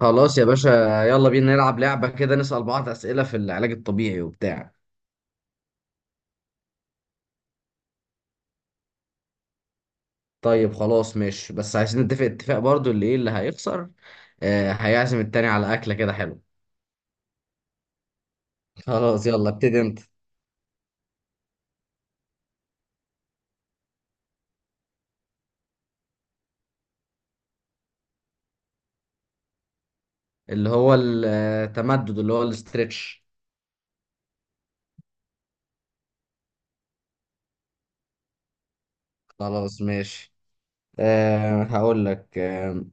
خلاص يا باشا. يلا بينا نلعب لعبة كده، نسأل بعض أسئلة في العلاج الطبيعي وبتاع. طيب خلاص ماشي، بس عايزين نتفق اتفاق برضو اللي ايه اللي هيخسر. آه هيعزم التاني على أكلة كده حلوة. خلاص يلا ابتدي انت. اللي هو التمدد اللي هو الاسترتش. خلاص ماشي. هقول لك.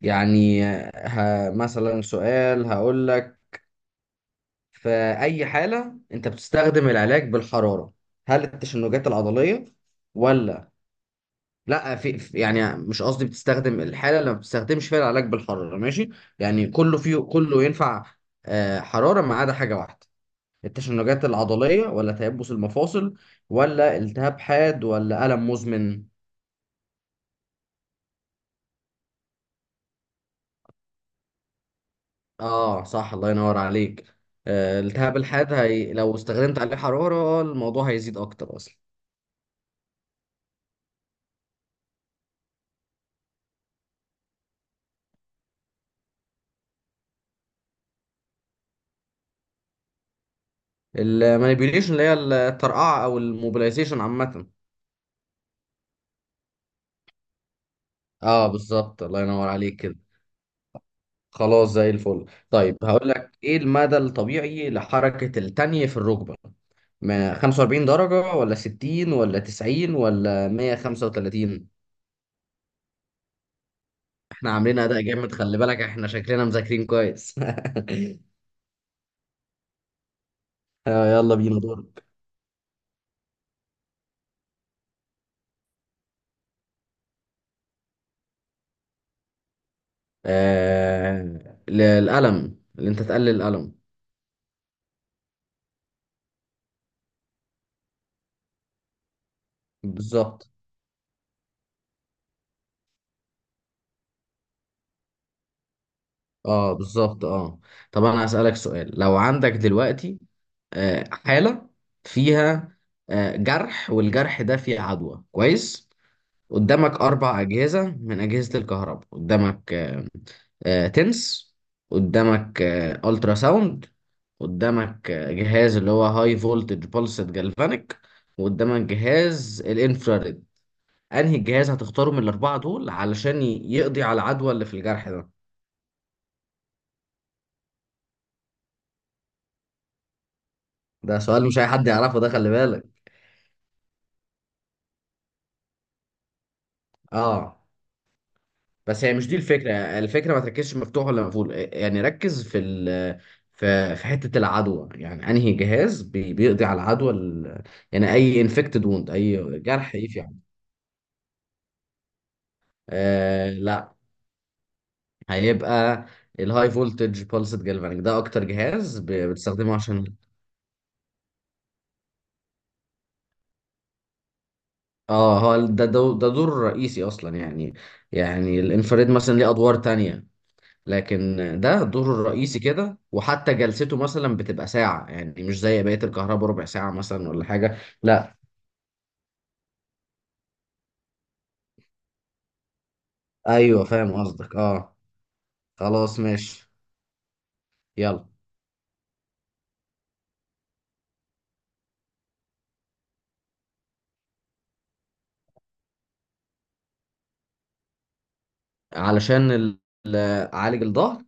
يعني آه، مثلا سؤال هقول لك في أي حالة أنت بتستخدم العلاج بالحرارة؟ هل التشنجات العضلية ولا لا؟ يعني مش قصدي، بتستخدم الحاله اللي ما بتستخدمش فيها العلاج بالحراره ماشي؟ يعني كله فيه، كله ينفع حراره ما عدا حاجه واحده. التشنجات العضليه ولا تيبس المفاصل ولا التهاب حاد ولا الم مزمن؟ اه صح، الله ينور عليك. التهاب الحاد هي لو استخدمت عليه حراره الموضوع هيزيد اكتر اصلا. المانيبيوليشن اللي هي الترقعه او الموبيلايزيشن عامه. اه بالظبط، الله ينور عليك كده. خلاص زي الفل. طيب هقول لك ايه المدى الطبيعي لحركة التانية في الركبة؟ ما 45 درجة ولا 60 ولا 90 ولا 135؟ احنا عاملين اداء جامد، خلي بالك احنا شكلنا مذاكرين كويس. يلا بينا دورك. آه... الألم، اللي انت تقلل الألم. بالظبط. اه بالظبط. اه طب انا هسألك سؤال. لو عندك دلوقتي حالة فيها جرح والجرح ده فيه عدوى، كويس؟ قدامك أربع أجهزة من أجهزة الكهرباء. قدامك تنس، قدامك ألترا ساوند، قدامك جهاز اللي هو هاي فولتج بولسد جالفانيك، وقدامك جهاز الانفراريد. أنهي جهاز هتختاره من الأربعة دول علشان يقضي على العدوى اللي في الجرح ده؟ ده سؤال مش أي حد يعرفه، ده خلي بالك. اه بس هي مش دي الفكرة. الفكرة ما تركزش مفتوح ولا مقفول، يعني ركز في ال في في حتة العدوى، يعني انهي جهاز بيقضي على العدوى. يعني اي انفكتد ووند، اي جرح يفي عنه. آه لا، هيبقى الهاي فولتج بالسد جالفانيك. ده اكتر جهاز بتستخدمه عشان. اه هو ده دور رئيسي اصلا يعني. يعني الانفراد مثلا ليه ادوار تانية، لكن ده دوره الرئيسي كده. وحتى جلسته مثلا بتبقى ساعة، يعني مش زي بقية الكهرباء ربع ساعة مثلا ولا حاجة. لا. ايوه فاهم قصدك اه. خلاص ماشي. يلا. علشان ال- اعالج الظهر.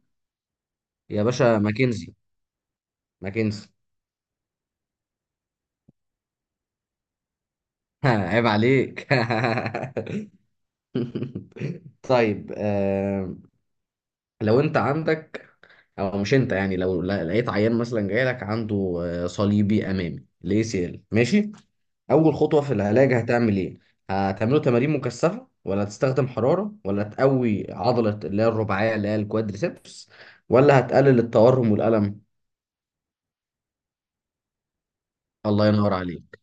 يا باشا ماكنزي. ماكنزي. عيب عليك. طيب آه، لو انت عندك، او مش انت يعني، لو لقيت عيان مثلا جاي لك عنده صليبي امامي، الاي سي ال، ماشي؟ اول خطوه في العلاج هتعمل ايه؟ هتعمله تمارين مكثفه ولا هتستخدم حراره ولا تقوي عضله اللي هي الرباعيه اللي هي الكوادريسبس، ولا هتقلل التورم والالم؟ الله ينور عليك.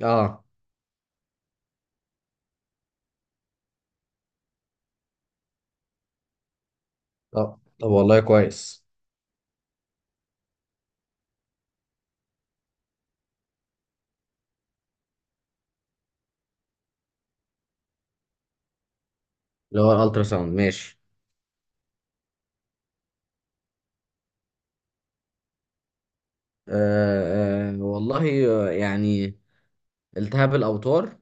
اه طب طب، والله كويس. اللي هو الالترا ساوند ماشي. آه آه والله آه، يعني التهاب الاوتار.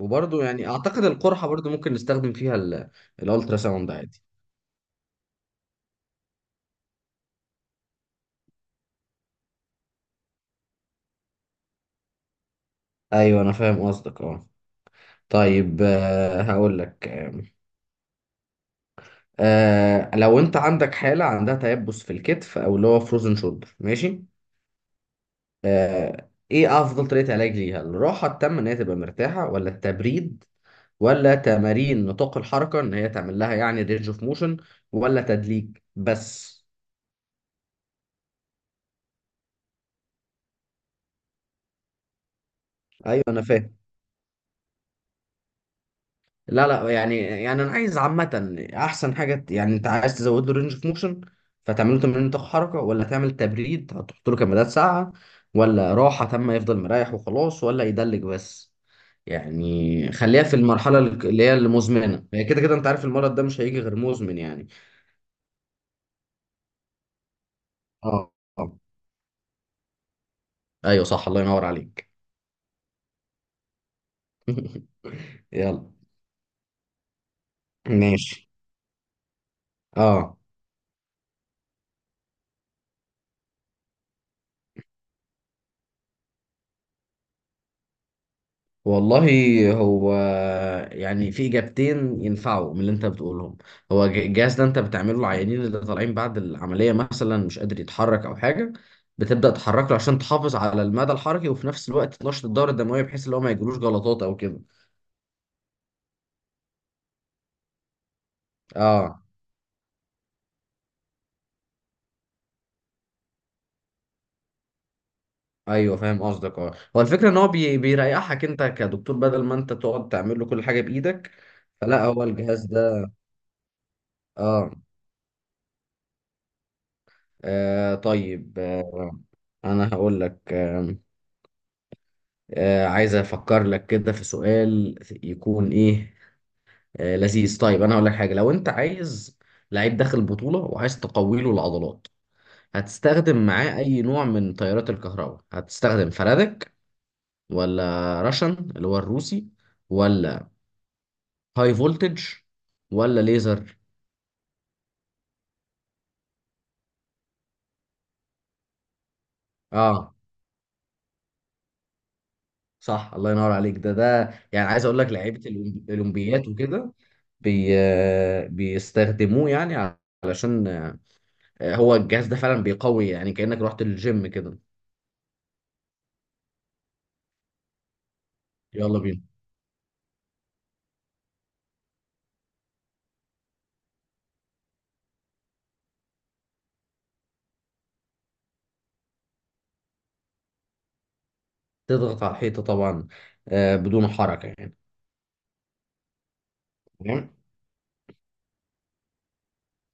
وبرضه يعني اعتقد القرحه برضه ممكن نستخدم فيها الالترا ساوند عادي. ايوه انا فاهم قصدك اه. طيب آه هقول لك آه، لو انت عندك حاله عندها تيبس في الكتف او اللي هو فروزن شولدر، ماشي؟ آه ايه افضل طريقه علاج ليها؟ الراحه التامه ان هي تبقى مرتاحه، ولا التبريد، ولا تمارين نطاق الحركه ان هي تعمل لها يعني رينج اوف موشن، ولا تدليك بس؟ ايوه انا فاهم. لا لا يعني، يعني انا عايز عامه احسن حاجه. يعني انت عايز تزود له رينج اوف موشن، فتعمله تمرين طاقه حركه، ولا تعمل تبريد هتحط له كمادات ساقعه، ولا راحه تامه يفضل مريح وخلاص، ولا يدلك بس؟ يعني خليها في المرحله اللي هي المزمنه، هي كده كده انت عارف المرض ده مش هيجي غير مزمن يعني. اه آه. ايوه صح، الله ينور عليك. يلا. ماشي اه. والله هو يعني في اجابتين ينفعوا من اللي انت بتقولهم. هو الجهاز ده انت بتعمله العيانين اللي طالعين بعد العمليه مثلا مش قادر يتحرك او حاجه، بتبدا تحرك له عشان تحافظ على المدى الحركي، وفي نفس الوقت تنشط الدوره الدمويه بحيث ان هو ما يجيلوش جلطات او كده. اه ايوه فاهم قصدك اه، هو الفكره ان هو بيريحك انت كدكتور بدل ما انت تقعد تعمل له كل حاجه بايدك. فلا هو الجهاز ده اه. طيب آه، انا هقول لك عايز افكر لك كده في سؤال يكون ايه لذيذ. طيب انا هقول لك حاجه، لو انت عايز لعيب داخل البطوله وعايز تقوي له العضلات، هتستخدم معاه اي نوع من تيارات الكهرباء؟ هتستخدم فلادك، ولا راشن اللي هو الروسي، ولا هاي فولتج، ولا ليزر؟ اه صح، الله ينور عليك. ده ده يعني عايز اقول لك، لعيبه الاولمبيات وكده بي... آه، بيستخدموه يعني، علشان هو الجهاز ده فعلا بيقوي، يعني كأنك رحت الجيم كده. يلا بينا. تضغط على الحيطة طبعا، بدون حركة يعني. تمام.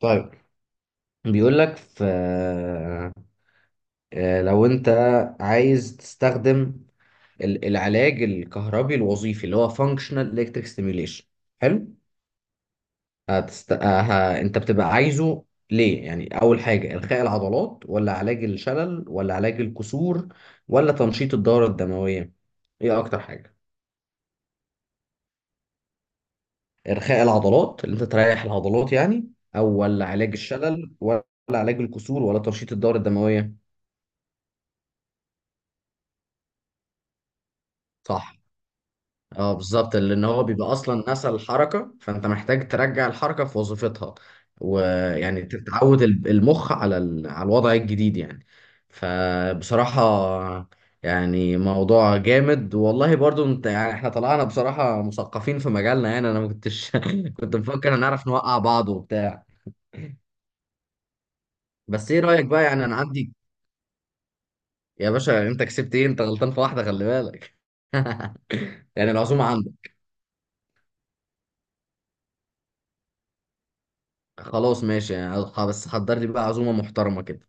طيب بيقول لك، في لو انت عايز تستخدم العلاج الكهربي الوظيفي اللي هو functional electric stimulation، حلو؟ انت بتبقى عايزه ليه؟ يعني اول حاجة الخاء العضلات، ولا علاج الشلل، ولا علاج الكسور، ولا تنشيط الدورة الدموية؟ ايه اكتر حاجة؟ إرخاء العضلات، اللي أنت تريح العضلات يعني، ولا علاج الشلل، ولا علاج الكسور، ولا تنشيط الدورة الدموية؟ صح. اه بالظبط، لان هو بيبقى اصلا نسى الحركه، فانت محتاج ترجع الحركه في وظيفتها، ويعني تتعود المخ على على الوضع الجديد يعني. فبصراحه يعني موضوع جامد والله، برضو انت يعني احنا طلعنا بصراحه مثقفين في مجالنا. يعني انا ما كنتش كنت مفكر هنعرف نوقع بعض وبتاع. بس ايه رايك بقى؟ يعني انا عندي، يا باشا يعني انت كسبت ايه، انت غلطان في واحده خلي بالك. يعني العزومه عندك. خلاص ماشي، يعني بس حضر لي بقى عزومه محترمه كده.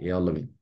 يلا بينا.